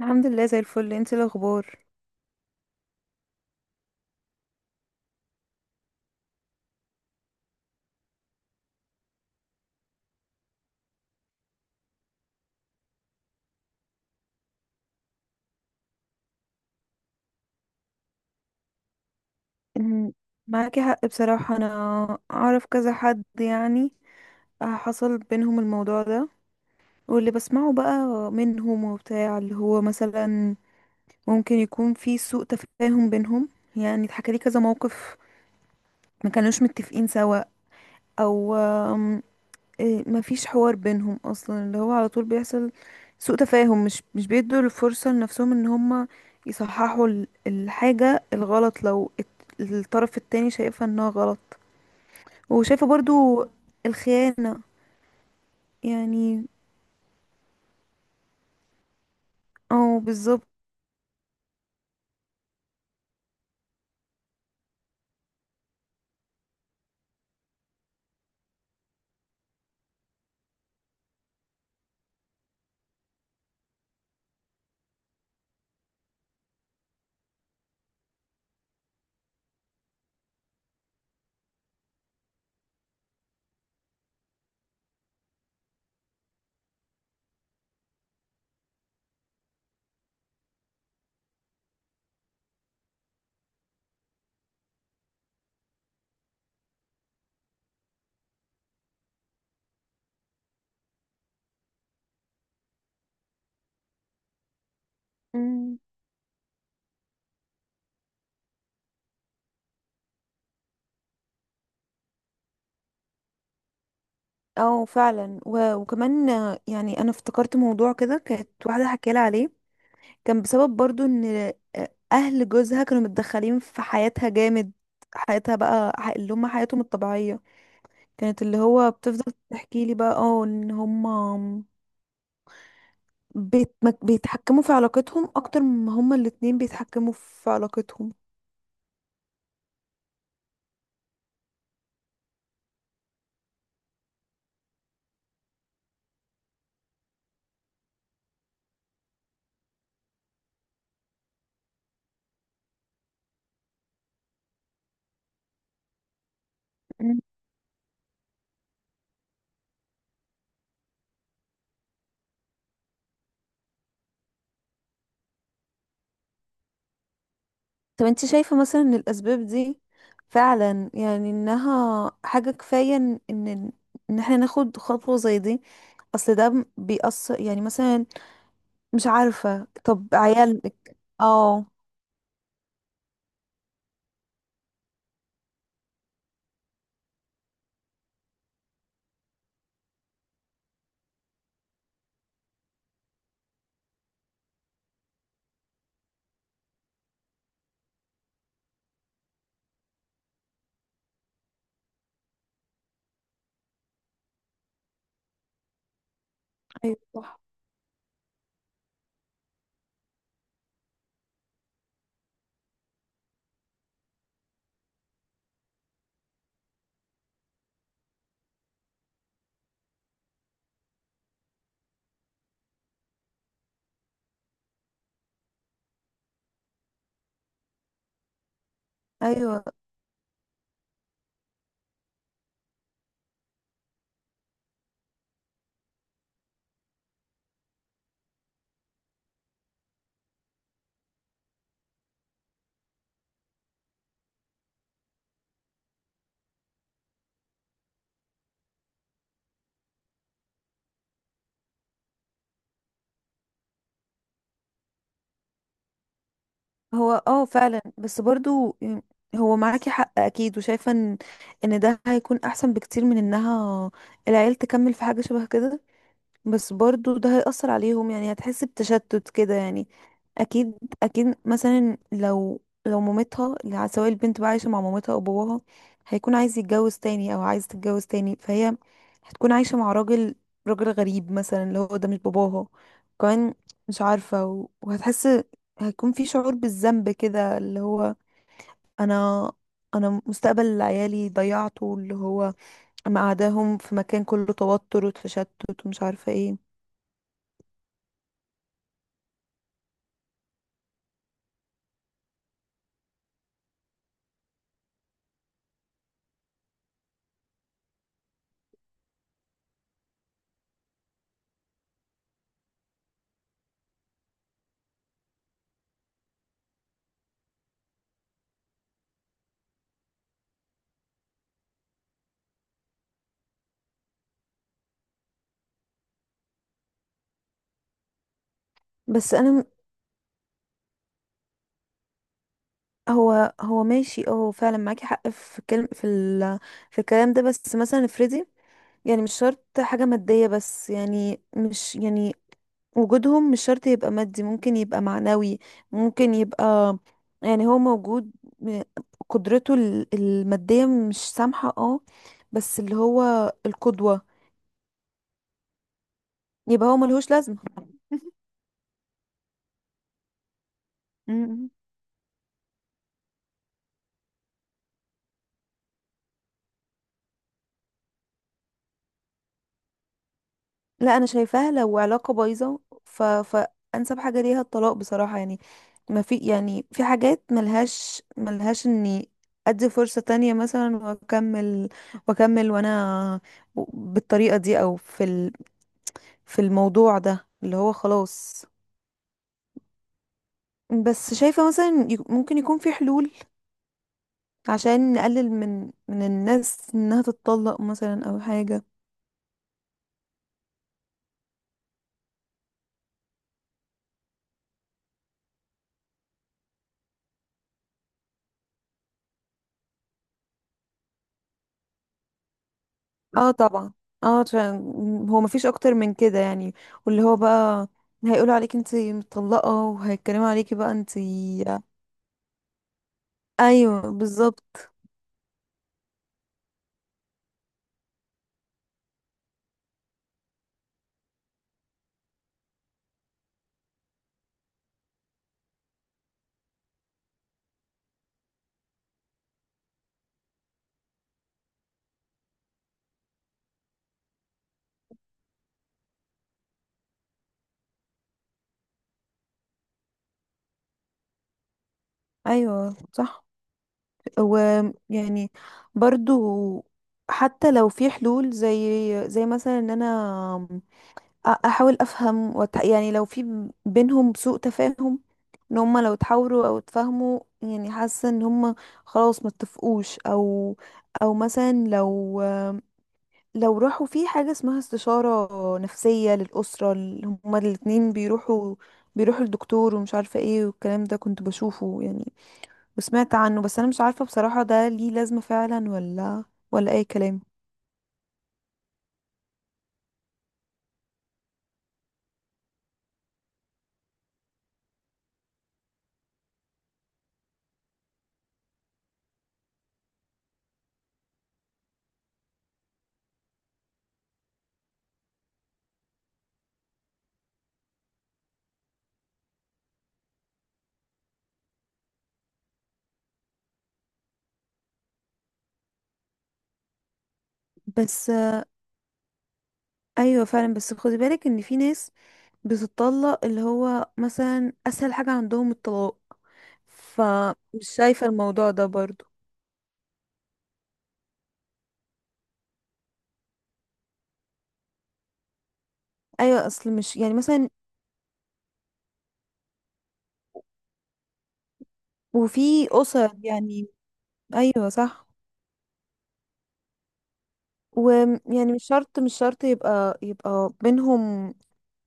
الحمد لله زي الفل. انت إيه الاخبار؟ أمم، معاكي حق بصراحة. انا اعرف كذا حد يعني حصل بينهم الموضوع ده، واللي بسمعه بقى منهم وبتاع اللي هو مثلا ممكن يكون في سوء تفاهم بينهم. يعني اتحكى لي كذا موقف ما كانوش متفقين سوا، او مفيش حوار بينهم اصلا، اللي هو على طول بيحصل سوء تفاهم. مش بيدوا الفرصة لنفسهم ان هما يصححوا الحاجة الغلط، لو الطرف التاني شايفها انها غلط. وشايفة برضو الخيانة. يعني اه بالظبط. مم. اه فعلا، وكمان يعني انا افتكرت موضوع كده كانت واحده حكالي عليه. كان بسبب برضو ان اهل جوزها كانوا متدخلين في حياتها جامد، حياتها بقى، اللي هم حياتهم الطبيعيه، كانت اللي هو بتفضل تحكي لي بقى ان هما بيتحكموا في علاقتهم اكتر ما هما الاتنين بيتحكموا في علاقتهم. مم. طب انت شايفة مثلا ان الاسباب دي فعلا يعني انها حاجة كفاية ان ان إن احنا ناخد خطوة زي دي؟ اصل ده بيأثر يعني مثلا، مش عارفة. طب عيالك ايوه صح. ايوه. هو فعلا، بس برضو يعني هو معاكي حق اكيد. وشايفه ان ده هيكون احسن بكتير من انها العيال تكمل في حاجه شبه كده. بس برضو ده هيأثر عليهم يعني، هتحس بتشتت كده يعني. اكيد. اكيد مثلا لو مامتها، اللي سواء البنت بقى عايشة مع مامتها او باباها، هيكون عايز يتجوز تاني او عايز تتجوز تاني، فهي هتكون عايشة مع راجل غريب مثلا، اللي هو ده مش باباها. كمان مش عارفة وهتحس هيكون في شعور بالذنب، كده اللي هو انا انا مستقبل عيالي ضيعته، اللي هو مقعداهم في مكان كله توتر وتشتت ومش عارفة ايه. بس انا هو ماشي هو فعلا معاكي حق في الكلم، في الكلام ده. بس مثلا افرضي، يعني مش شرط حاجة مادية، بس يعني مش يعني وجودهم مش شرط يبقى مادي، ممكن يبقى معنوي. ممكن يبقى يعني هو موجود، م- قدرته المادية مش سامحة بس اللي هو القدوة. يبقى هو ملهوش لازمة. م- لا انا شايفاها لو علاقة بايظة، فانسب حاجة ليها الطلاق بصراحة يعني. ما في يعني في حاجات ملهاش اني ادي فرصة تانية مثلا واكمل وانا بالطريقة دي، او في في الموضوع ده اللي هو خلاص. بس شايفة مثلا ممكن يكون في حلول عشان نقلل من الناس انها تتطلق مثلا او حاجة. اه طبعا، اه عشان هو مفيش اكتر من كده يعني، واللي هو بقى هيقولوا عليك انتي مطلقة وهيتكلموا عليكي بقى انتي. ايوه بالظبط. ايوه صح. ويعني برضو حتى لو في حلول، زي مثلا ان انا احاول افهم، يعني لو في بينهم سوء تفاهم، ان هما لو اتحاوروا او اتفاهموا، يعني حاسه ان هما خلاص ما اتفقوش، او مثلا لو راحوا في حاجه اسمها استشاره نفسيه للاسره، هما الاتنين بيروحوا، الدكتور ومش عارفه ايه. والكلام ده كنت بشوفه يعني وسمعت عنه، بس انا مش عارفه بصراحه ده ليه لازمه فعلا ولا اي كلام. بس ايوه فعلا، بس خدي بالك ان في ناس بتطلق اللي هو مثلا اسهل حاجة عندهم الطلاق، فمش شايفة الموضوع ده برضو. ايوه اصل مش يعني مثلا، وفي اسر يعني. ايوه صح. ويعني مش شرط يبقى بينهم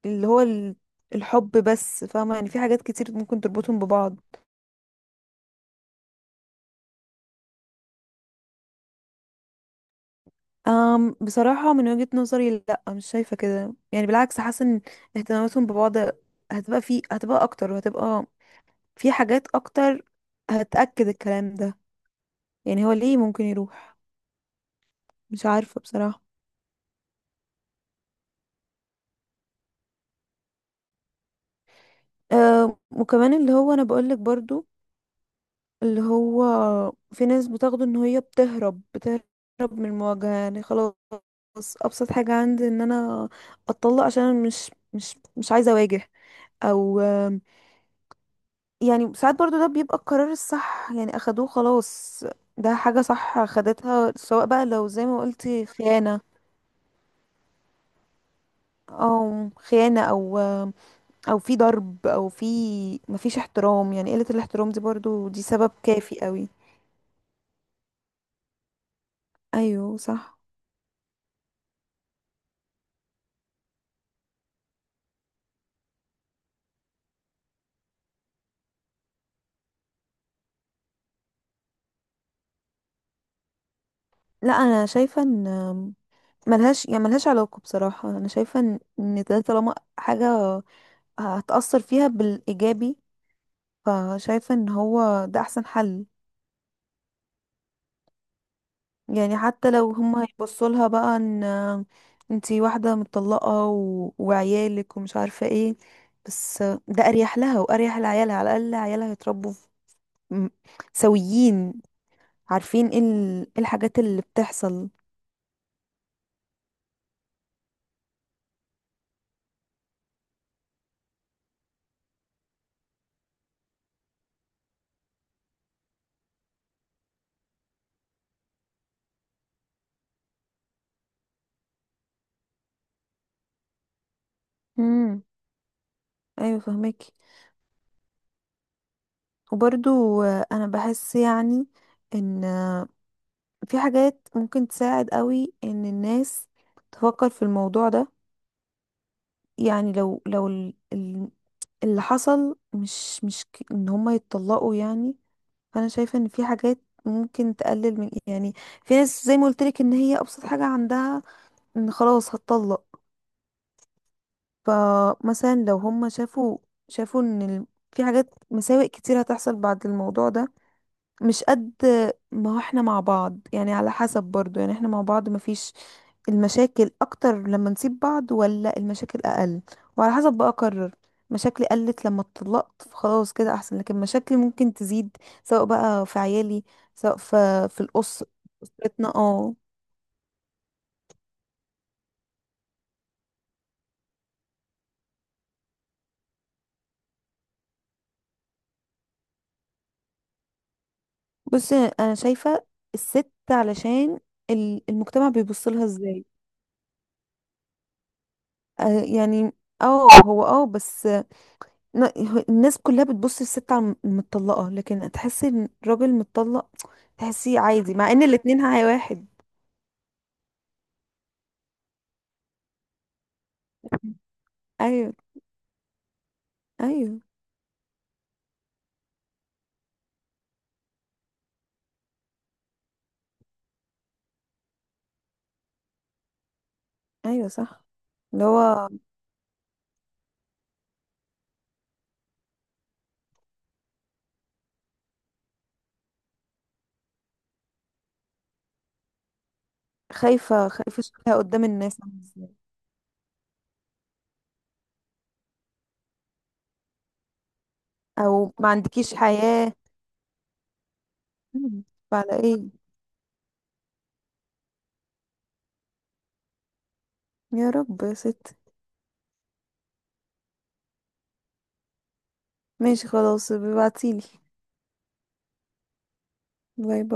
اللي هو ال- الحب، بس فاهمة يعني في حاجات كتير ممكن تربطهم ببعض. بصراحة من وجهة نظري لا، مش شايفة كده يعني. بالعكس حاسة ان اهتماماتهم ببعض هتبقى اكتر، وهتبقى في حاجات اكتر هتأكد الكلام ده. يعني هو ليه ممكن يروح؟ مش عارفة بصراحة. أه وكمان اللي هو انا بقولك برضو اللي هو في ناس بتاخده ان هي بتهرب من المواجهة، يعني خلاص ابسط حاجة عندي ان انا اتطلق عشان أنا مش عايزة اواجه، او يعني ساعات برضو ده بيبقى القرار الصح، يعني اخدوه خلاص. ده حاجة صح خدتها، سواء بقى لو زي ما قلتي خيانة، او خيانة، او في ضرب، او في مفيش احترام. يعني قلة الاحترام دي برضو دي سبب كافي قوي. ايوه صح. لا انا شايفة ان ملهاش يعني ملهاش علاقة بصراحة. انا شايفة ان ده طالما حاجة هتأثر فيها بالايجابي، فشايفة ان هو ده احسن حل. يعني حتى لو هما هيبصوا لها بقى ان انتي واحدة متطلقة وعيالك ومش عارفة ايه، بس ده اريح لها واريح لعيالها. على الاقل عيالها هيتربوا م- سويين، عارفين إيه الحاجات اللي بتحصل. امم ايوه فهمك. وبرضو انا بحس يعني ان في حاجات ممكن تساعد قوي ان الناس تفكر في الموضوع ده. يعني لو اللي حصل مش ان هما يتطلقوا يعني. فانا شايفه ان في حاجات ممكن تقلل من يعني في ناس، زي ما قلت لك، ان هي ابسط حاجه عندها ان خلاص هتطلق. فمثلا لو هم شافوا في حاجات مساوئ كتير هتحصل بعد الموضوع ده، مش قد ما هو احنا مع بعض. يعني على حسب برضو يعني، احنا مع بعض مفيش المشاكل اكتر لما نسيب بعض، ولا المشاكل اقل، وعلى حسب بقى اقرر. مشاكلي قلت لما اتطلقت فخلاص كده احسن، لكن مشاكلي ممكن تزيد سواء بقى في عيالي، سواء في أسرتنا بصي انا شايفة الست، علشان المجتمع بيبص لها ازاي. يعني اه هو بس ن- الناس كلها بتبص للست على المطلقة، لكن تحسي ان الراجل متطلق تحسيه عادي، مع ان الاتنين هاي واحد. ايوه. ايوه. ايوه صح. اللي هو خايفة شكلها قدام الناس عامل ازاي، او ما عندكيش حياة. مم. فعلى ايه؟ يا رب يا ست. ماشي خلاص، ابعتيلي. باي باي.